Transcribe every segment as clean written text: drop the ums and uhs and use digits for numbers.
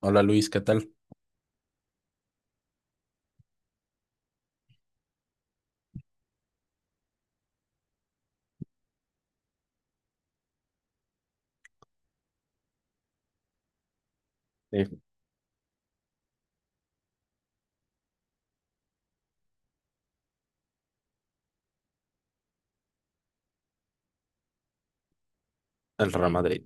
Hola Luis, ¿qué tal? El Real Madrid.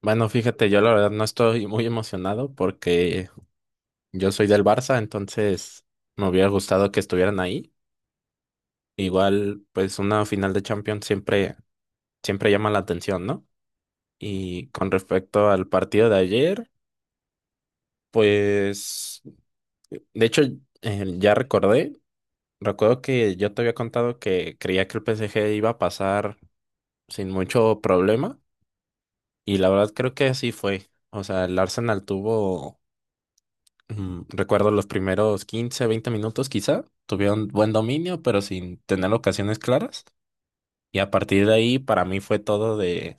Bueno, fíjate, yo la verdad no estoy muy emocionado porque yo soy del Barça, entonces me hubiera gustado que estuvieran ahí. Igual, pues una final de Champions siempre, siempre llama la atención, ¿no? Y con respecto al partido de ayer, pues, de hecho, eh, ya recordé, recuerdo que yo te había contado que creía que el PSG iba a pasar sin mucho problema y la verdad creo que así fue. O sea, el Arsenal tuvo. Recuerdo los primeros 15 20 minutos quizá, tuvieron buen dominio, pero sin tener ocasiones claras. Y a partir de ahí, para mí fue todo de,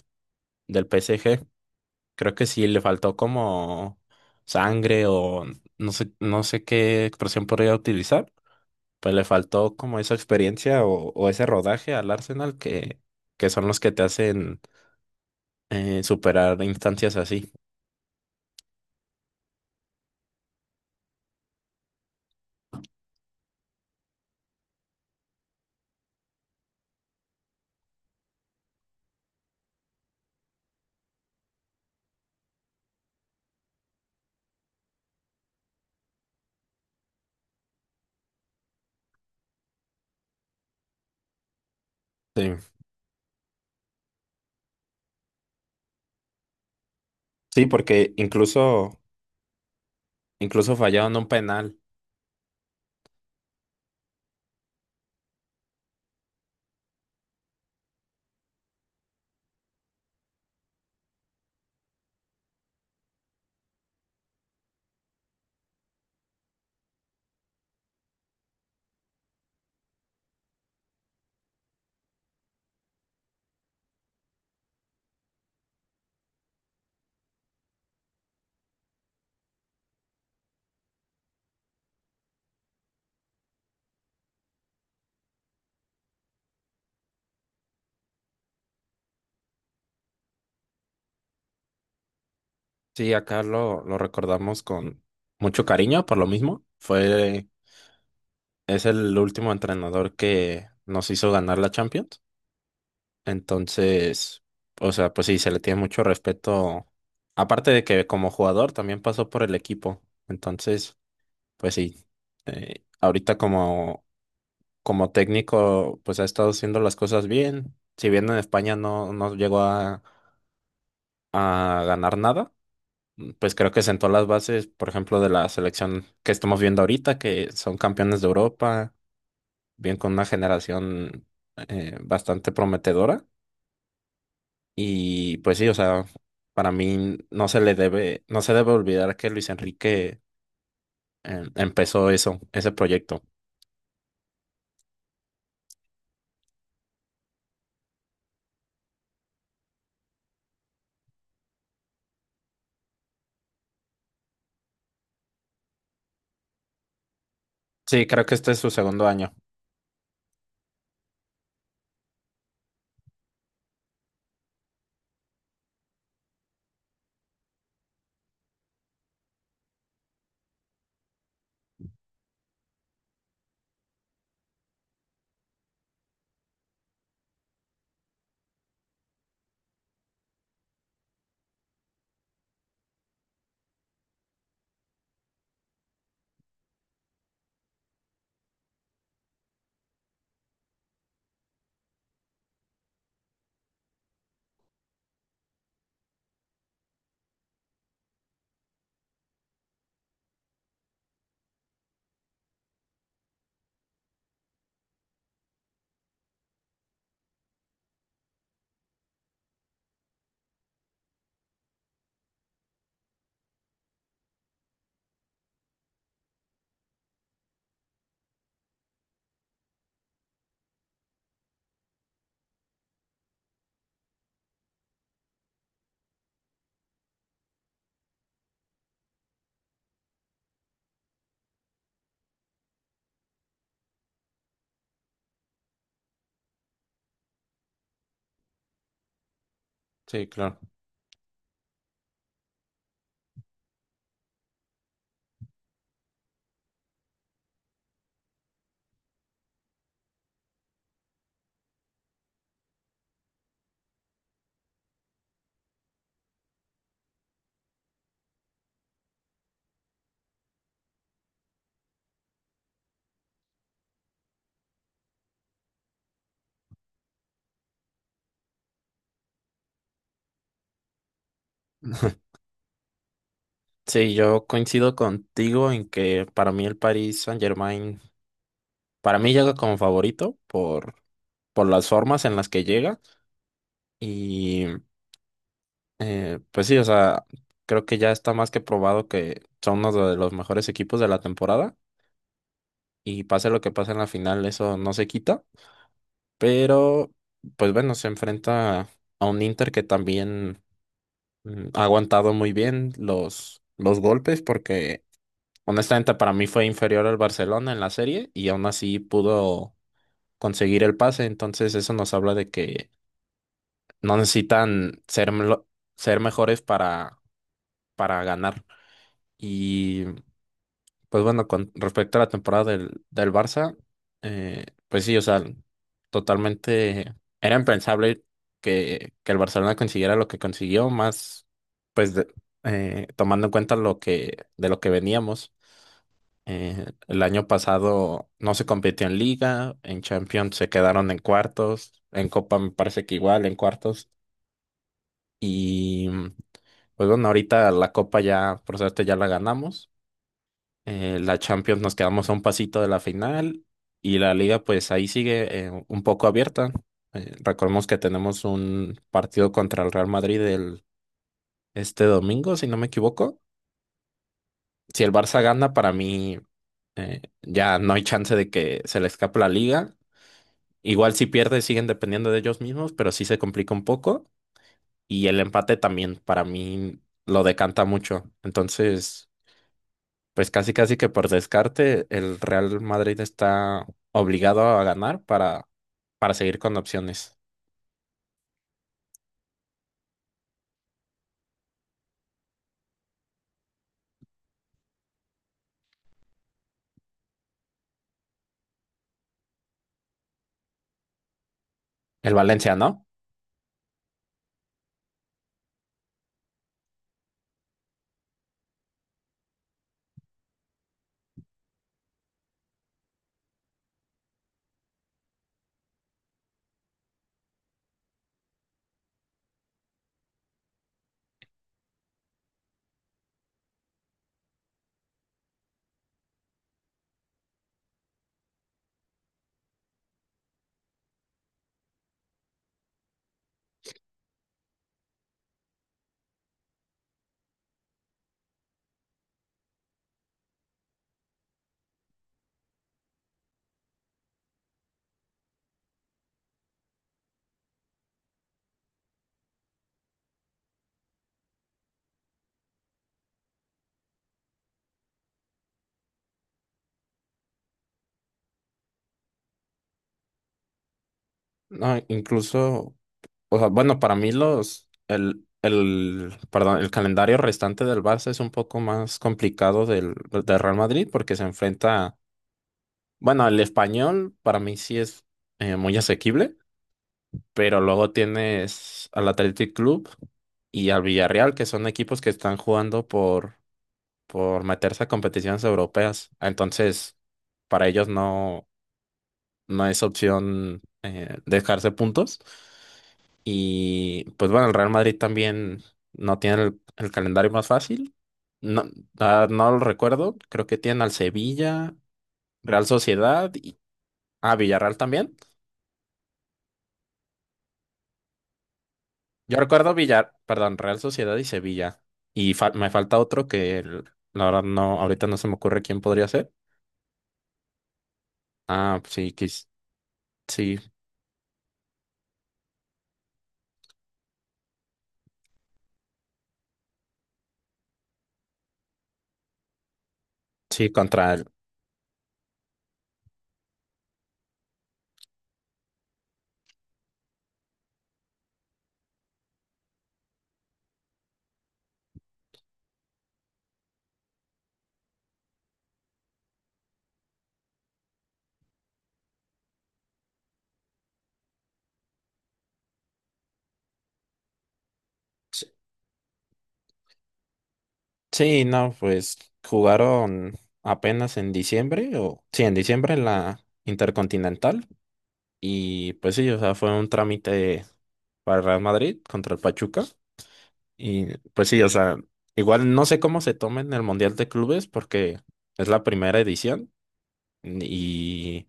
del PSG. Creo que sí le faltó como sangre o no sé qué expresión podría utilizar, pues le faltó como esa experiencia o ese rodaje al Arsenal que son los que te hacen superar instancias así. Sí, sí, porque incluso fallaron un penal. Sí, acá lo recordamos con mucho cariño, por lo mismo. Es el último entrenador que nos hizo ganar la Champions. Entonces, o sea, pues sí, se le tiene mucho respeto. Aparte de que como jugador también pasó por el equipo. Entonces, pues sí, ahorita como técnico, pues ha estado haciendo las cosas bien. Si bien en España no llegó a ganar nada, pues creo que sentó las bases, por ejemplo, de la selección que estamos viendo ahorita, que son campeones de Europa, bien con una generación bastante prometedora. Y pues sí, o sea, para mí no se debe olvidar que Luis Enrique empezó ese proyecto. Sí, creo que este es su segundo año. Sí, claro. Sí, yo coincido contigo en que para mí el Paris Saint-Germain, para mí llega como favorito por las formas en las que llega. Y pues sí, o sea, creo que ya está más que probado que son uno de los mejores equipos de la temporada y pase lo que pase en la final, eso no se quita, pero pues bueno, se enfrenta a un Inter que también ha aguantado muy bien los golpes porque honestamente para mí fue inferior al Barcelona en la serie y aún así pudo conseguir el pase, entonces eso nos habla de que no necesitan ser, ser mejores para ganar. Y pues bueno, con respecto a la temporada del Barça, pues sí, o sea, totalmente era impensable que el Barcelona consiguiera lo que consiguió, más pues tomando en cuenta de lo que veníamos. El año pasado no se compitió en Liga, en Champions se quedaron en cuartos, en Copa me parece que igual, en cuartos. Y pues bueno, ahorita la Copa ya, por suerte, ya la ganamos. La Champions nos quedamos a un pasito de la final y la liga pues ahí sigue un poco abierta. Recordemos que tenemos un partido contra el Real Madrid este domingo, si no me equivoco. Si el Barça gana, para mí ya no hay chance de que se le escape la liga. Igual si pierde siguen dependiendo de ellos mismos, pero sí se complica un poco. Y el empate también para mí lo decanta mucho. Entonces. Pues casi casi que por descarte el Real Madrid está obligado a ganar para seguir con opciones. El Valencia, ¿no? No, incluso, o sea, bueno, para mí el perdón, el calendario restante del Barça es un poco más complicado del Real Madrid porque se enfrenta, bueno, el Español para mí sí es muy asequible, pero luego tienes al Athletic Club y al Villarreal, que son equipos que están jugando por meterse a competiciones europeas. Entonces, para ellos no es opción dejarse puntos. Y pues bueno, el Real Madrid también no tiene el calendario más fácil. No, ah, no lo recuerdo. Creo que tienen al Sevilla, Real Sociedad y ah, Villarreal también. Yo recuerdo Villar, perdón, Real Sociedad y Sevilla. Y me falta otro la verdad no, ahorita no se me ocurre quién podría ser. Ah, sí, sí, sí, contra el, Sí, no, pues jugaron apenas en diciembre, o sí, en diciembre en la Intercontinental. Y pues sí, o sea, fue un trámite para Real Madrid contra el Pachuca. Y pues sí, o sea, igual no sé cómo se tomen el Mundial de Clubes porque es la primera edición. Y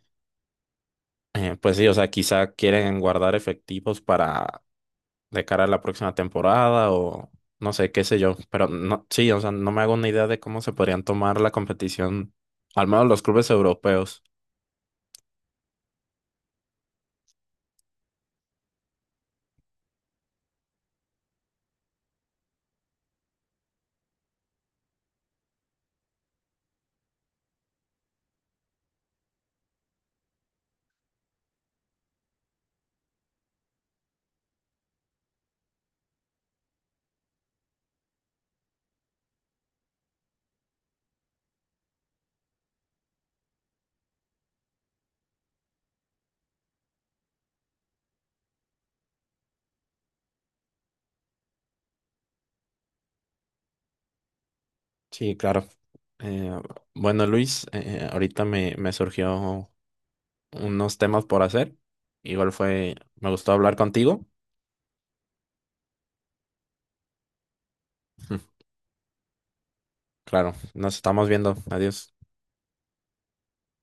pues sí, o sea, quizá quieren guardar efectivos para de cara a la próxima temporada o no sé, qué sé yo. Pero no, sí, o sea, no me hago una idea de cómo se podrían tomar la competición, al menos los clubes europeos. Sí, claro. Eh, bueno, Luis, ahorita me surgió unos temas por hacer. Igual me gustó hablar contigo. Claro, nos estamos viendo. Adiós.